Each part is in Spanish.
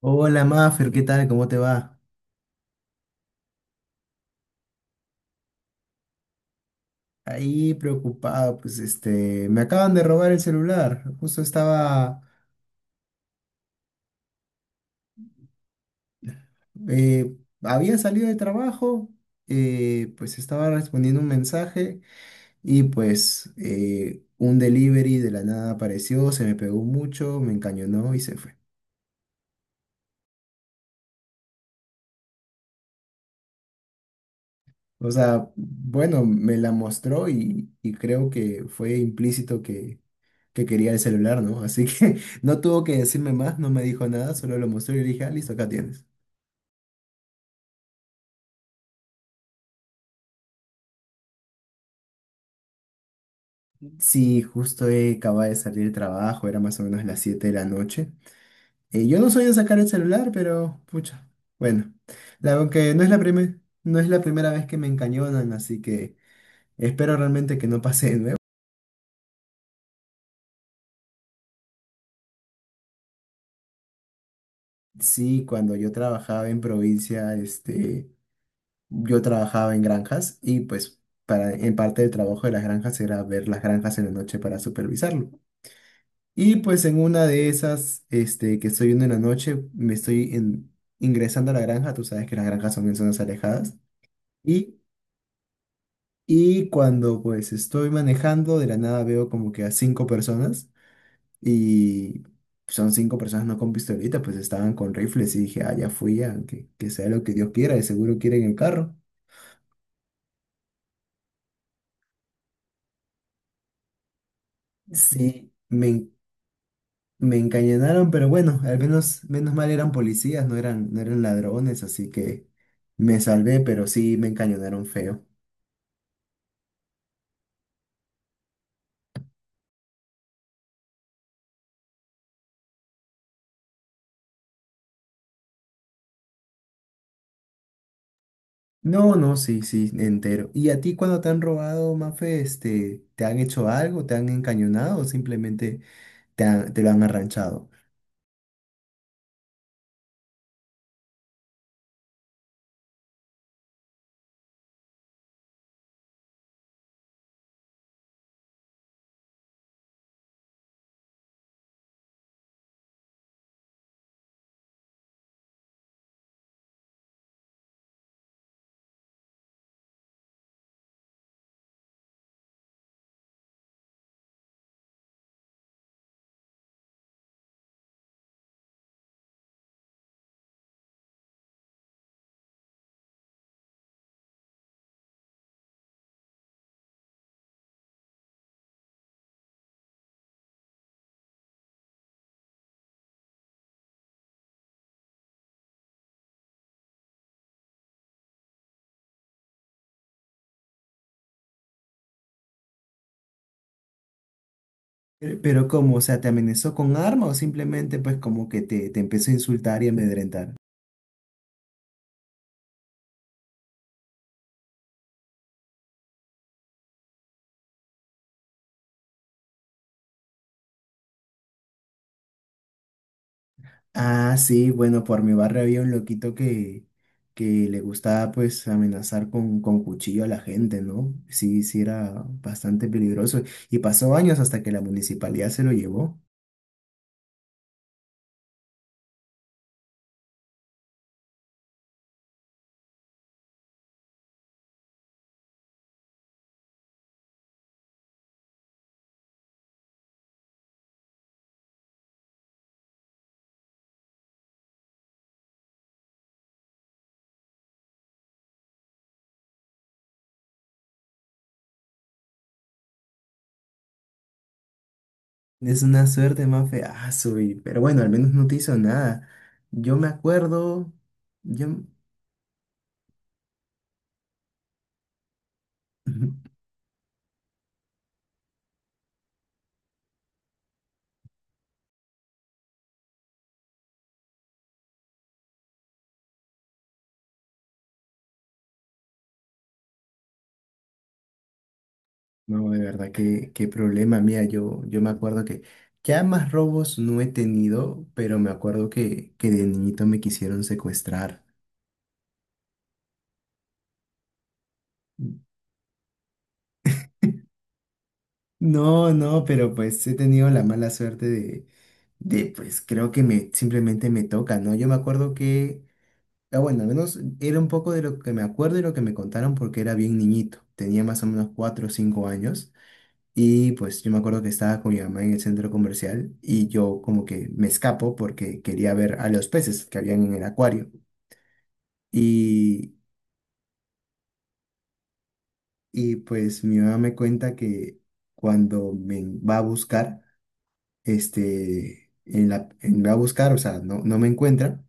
Hola Maffer, ¿qué tal? ¿Cómo te va? Ahí preocupado, pues me acaban de robar el celular. Eh, Había salido de trabajo, pues estaba respondiendo un mensaje y pues un delivery de la nada apareció, se me pegó mucho, me encañonó y se fue. O sea, bueno, me la mostró y creo que fue implícito que quería el celular, ¿no? Así que no tuvo que decirme más, no me dijo nada, solo lo mostró y le dije, ah, listo, acá tienes. Sí, justo acababa de salir del trabajo, era más o menos las 7 de la noche. Yo no soy de sacar el celular, pero pucha, bueno, aunque no es la primera vez que me encañonan, así que espero realmente que no pase de nuevo. Sí, cuando yo trabajaba en provincia, yo trabajaba en granjas y pues en parte del trabajo de las granjas era ver las granjas en la noche para supervisarlo. Y pues en una de esas, que estoy viendo en la noche, ingresando a la granja. Tú sabes que las granjas son en zonas alejadas, y, y cuando pues estoy manejando, de la nada veo como que a 5 personas, y son 5 personas no con pistolita, pues estaban con rifles, y dije, ah, ya fui, ya, que sea lo que Dios quiera, de seguro quieren el carro. Sí, me, Me encañonaron, pero bueno, al menos, menos mal eran policías, no eran ladrones, así que me salvé, pero sí me encañonaron feo. No, no, sí, sí, entero. ¿Y a ti cuando te han robado, Mafe, te han hecho algo, te han encañonado o simplemente te lo han arranchado? Pero, ¿cómo? O sea, ¿te amenazó con arma o simplemente pues como que te empezó a insultar y amedrentar? Ah, sí, bueno, por mi barrio había un loquito que le gustaba pues amenazar con cuchillo a la gente, ¿no? Sí, sí era bastante peligroso y pasó años hasta que la municipalidad se lo llevó. Es una suerte más fea, pero bueno, al menos no te hizo nada. Yo me acuerdo, yo, No, de verdad, qué problema, mía, yo me acuerdo que ya más robos no he tenido, pero me acuerdo que de niñito me quisieron secuestrar. No, no, pero pues he tenido la mala suerte de pues creo que me simplemente me toca, ¿no? Yo me acuerdo que, Ah, bueno, al menos era un poco de lo que me acuerdo y lo que me contaron porque era bien niñito, tenía más o menos 4 o 5 años y pues yo me acuerdo que estaba con mi mamá en el centro comercial y yo como que me escapo porque quería ver a los peces que habían en el acuario y, y pues mi mamá me cuenta que cuando me va a buscar, me va a buscar, o sea, no me encuentra.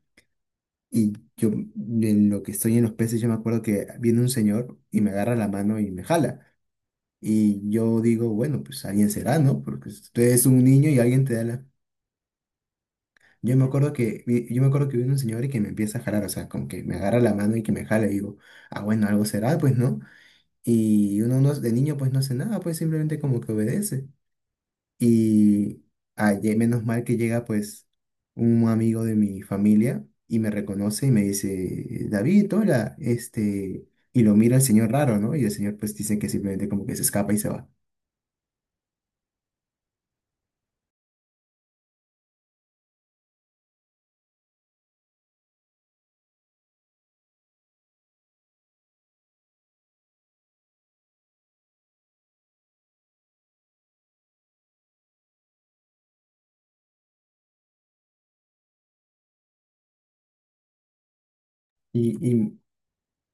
Y yo, en lo que estoy en los peces, yo me acuerdo que viene un señor y me agarra la mano y me jala. Y yo digo, bueno, pues alguien será, ¿no? Porque tú eres un niño y alguien te da la... Yo me acuerdo yo me acuerdo que viene un señor y que me empieza a jalar, o sea, como que me agarra la mano y que me jala. Y digo, ah, bueno, algo será, pues, ¿no? Y uno no, de niño, pues, no hace nada, pues, simplemente como que obedece. Y ayer, menos mal que llega pues un amigo de mi familia y me reconoce y me dice, David, hola, y lo mira el señor raro, ¿no? Y el señor pues dice que simplemente como que se escapa y se va. Y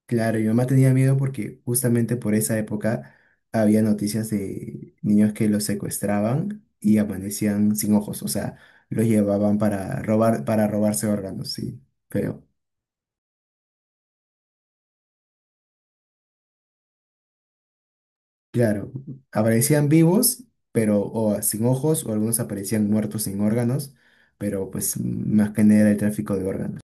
claro, mi mamá tenía miedo porque justamente por esa época había noticias de niños que los secuestraban y amanecían sin ojos, o sea, los llevaban para robar, para robarse órganos, sí, feo. Claro, aparecían vivos, pero o sin ojos, o algunos aparecían muertos sin órganos, pero pues más que nada era el tráfico de órganos.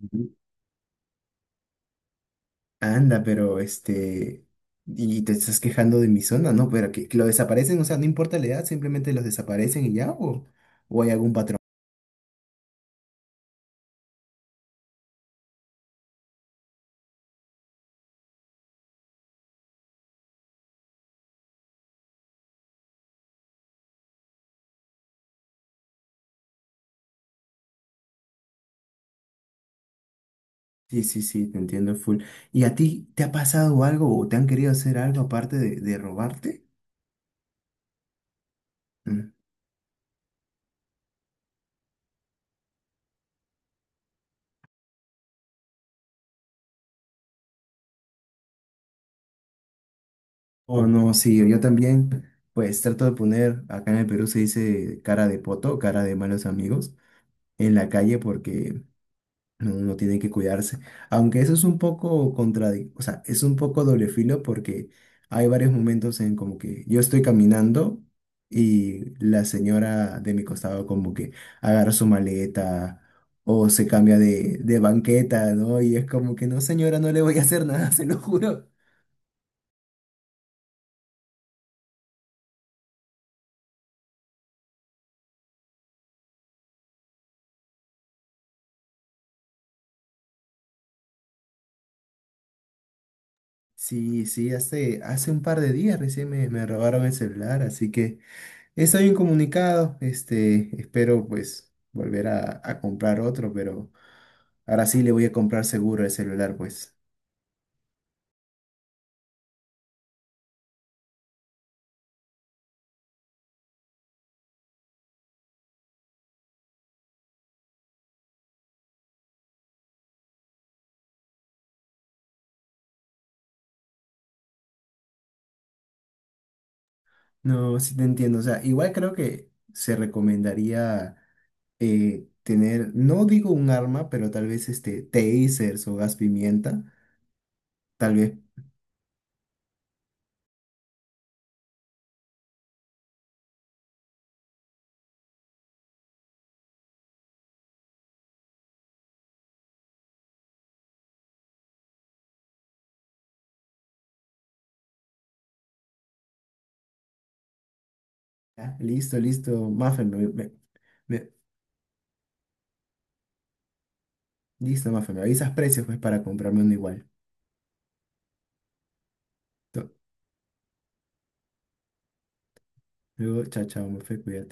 Ujú. Anda, pero y te estás quejando de mi zona, ¿no? Pero que lo desaparecen, o sea, no importa la edad, simplemente los desaparecen y ya, o hay algún patrón. Sí, sí, sí, te entiendo full. ¿Y a ti te ha pasado algo o te han querido hacer algo aparte de robarte? Oh, no, sí, yo también, pues trato de poner, acá en el Perú se dice cara de poto, cara de malos amigos, en la calle porque no, uno tiene que cuidarse. Aunque eso es un poco contradictorio, o sea, es un poco doble filo porque hay varios momentos en como que yo estoy caminando y la señora de mi costado como que agarra su maleta o se cambia de banqueta, ¿no? Y es como que no, señora, no le voy a hacer nada, se lo juro. Sí, sí, hace un par de días recién me robaron el celular, así que estoy incomunicado. Espero pues volver a comprar otro, pero ahora sí le voy a comprar seguro el celular, pues. No, sí te entiendo. O sea, igual creo que se recomendaría tener, no digo un arma, pero tal vez este tasers o gas pimienta. Tal vez. Ya, listo, listo, Mafe, me- listo, Mafe, me avisas precios pues para comprarme uno igual. Luego, chao, chao, Mefe, cuídate.